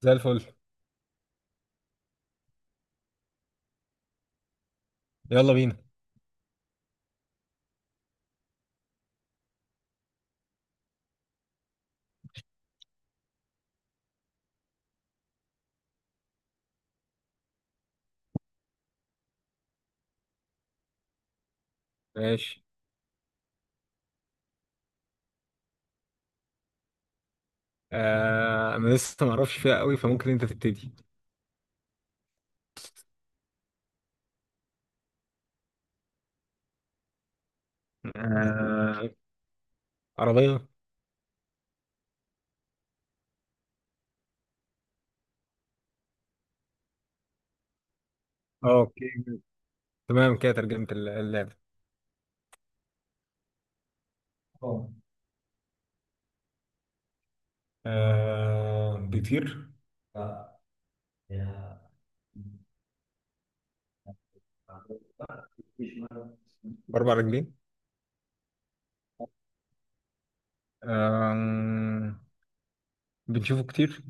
زي الفل. يلا بينا. ماشي. انا لسه ما اعرفش فيها قوي، فممكن انت تبتدي. آه عربية. اوكي، تمام كده ترجمة اللعبة. أوه. بيطير؟ باربع رجلين؟ آه بنشوفه كتير؟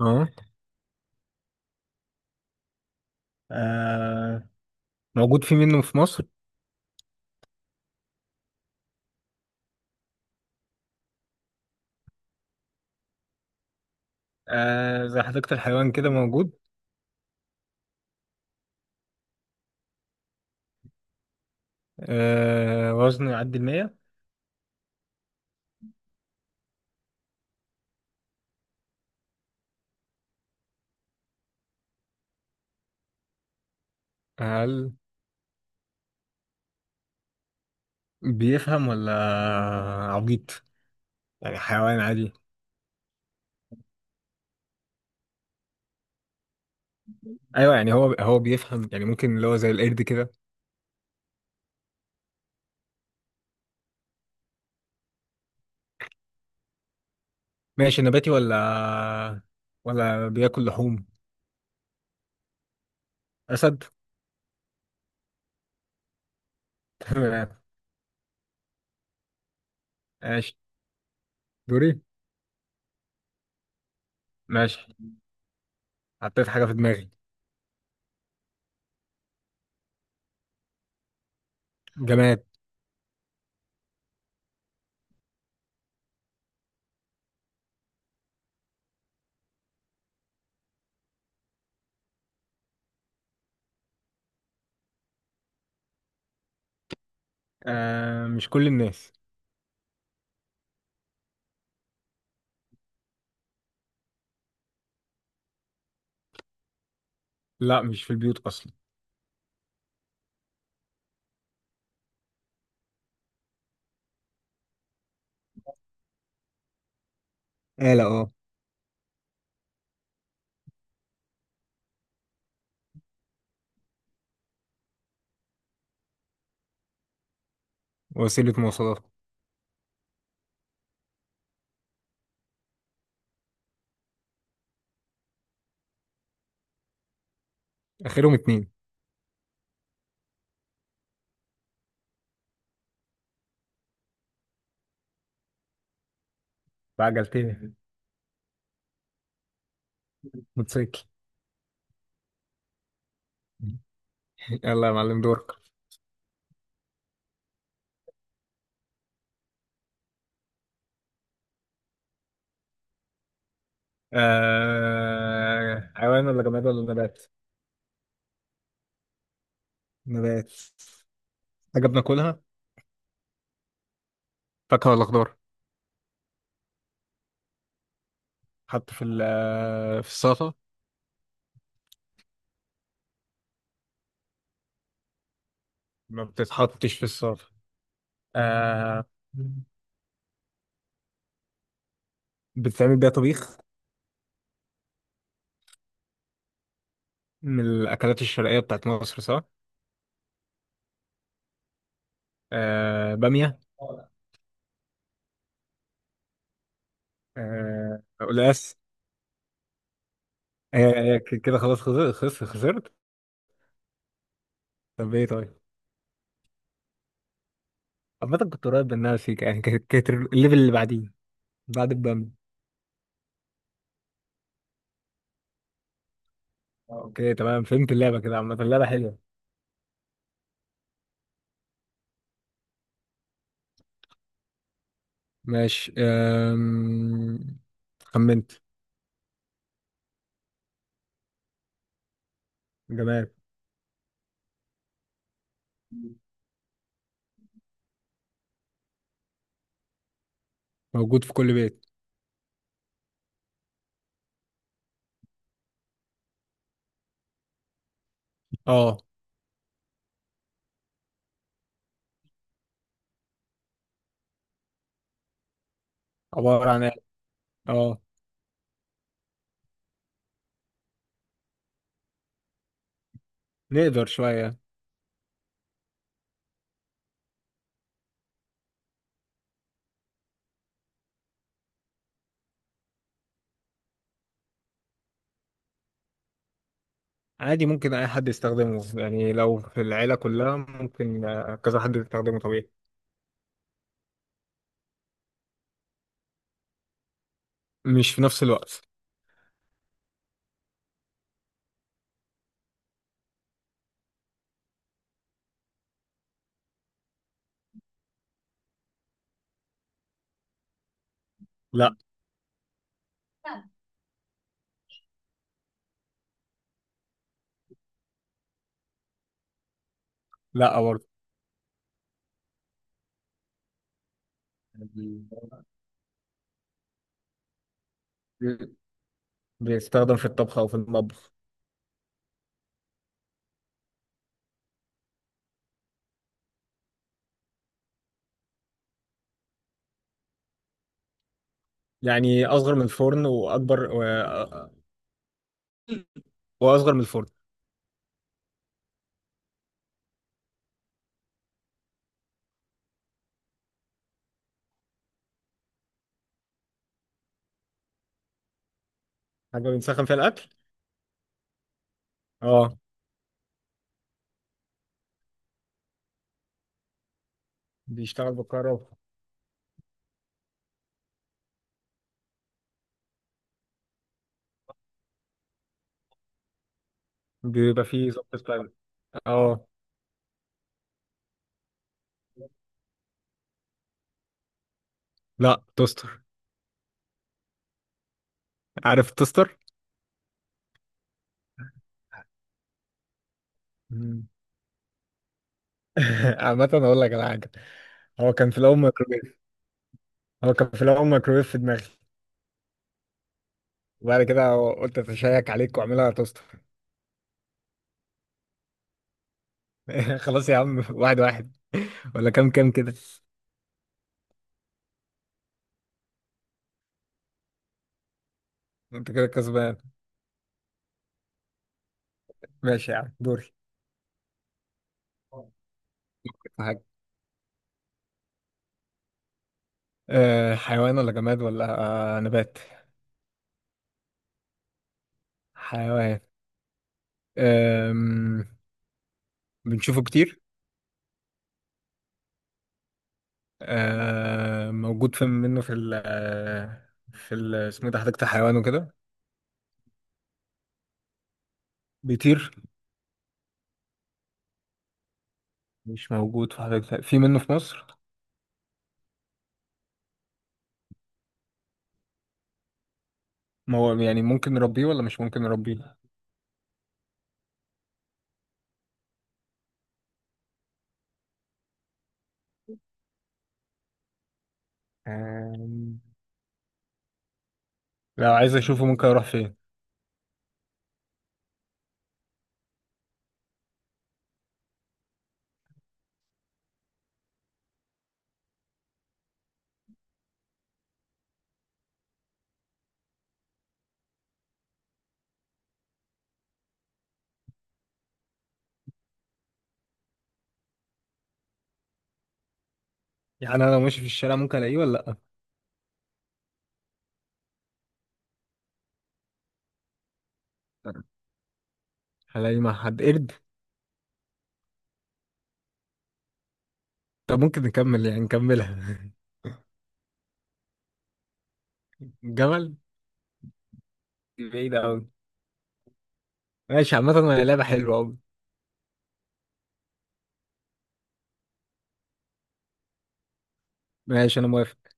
اه. آه موجود في منه في مصر؟ زي حديقة الحيوان كده موجود؟ وزنه يعدي المية؟ هل بيفهم ولا عبيط؟ يعني حيوان عادي؟ ايوه، يعني هو بيفهم، يعني ممكن اللي هو زي القرد كده؟ ماشي، نباتي ولا بياكل لحوم؟ اسد؟ تمام. ماشي، دوري. ماشي، حطيت حاجه في دماغي. جماد. مش كل الناس. لا، مش في البيوت اصلا. آلة، اه. وسيله مواصلات. اخرهم اتنين. بعجلتين. موتوسيكل. يلا يا معلم، دورك. حيوان ولا جماد ولا نبات؟ نبات. حاجة بناكلها. فاكهة ولا خضار؟ حط في في السلطة؟ ما بتتحطش في السلطة. آه. بتتعمل بيها طبيخ. من الأكلات الشرقية بتاعت مصر، صح؟ بامية؟ قلقاس؟ هي هي كده خلاص، خسرت خسرت خسرت. طب ايه طيب؟ عامة كنت قريب منها سيكا، يعني كانت الليفل اللي بعديه، بعد البامية. اوكي تمام، فهمت اللعبة، كده عامة اللعبة حلوة. ماشي. خمنت. جمال. موجود في كل بيت. اه. عبارة عن ايه؟ اه. نقدر شوية. عادي، ممكن أي حد يستخدمه، يعني لو في العيلة كلها ممكن كذا حد يستخدمه طبيعي. مش في نفس الوقت. لا. لا برضه. بي- بيستخدم في الطبخ أو في المطبخ. يعني أصغر من الفرن، وأكبر و... آه، وأصغر من الفرن. حاجة بنسخن فيها الأكل. اه. بيشتغل بالكهرباء. بيبقى فيه ظبط تايم. اه. لا، توستر. عارف التوستر؟ مم. عامة أقول لك على حاجة. هو كان في الأول ميكروويف. هو كان في الاول ميكروويف في دماغي، وبعد كده قلت اتشيك عليك واعملها توست. خلاص يا عم، واحد واحد ولا كام كام كده. انت كده كسبان. ماشي يا عم، دوري. حاجة. حيوان ولا جماد ولا نبات؟ حيوان. أم... بنشوفه كتير؟ موجود في منه في ال اسمه إيه ده، حديقة الحيوان وكده؟ بيطير؟ مش موجود في حديقة، في منه في مصر؟ ما هو يعني ممكن نربيه ولا مش ممكن نربيه؟ أم، لو عايز اشوفه ممكن اروح فين؟ يعني انا لو ماشي في الشارع ممكن الاقيه ولا؟ لا. هلاقيه مع حد؟ قرد؟ طب ممكن نكمل، يعني نكملها. جمل. دي بعيدة أوي. ماشي، عامة هي لعبة حلوة أوي. ماشي، أنا موافق.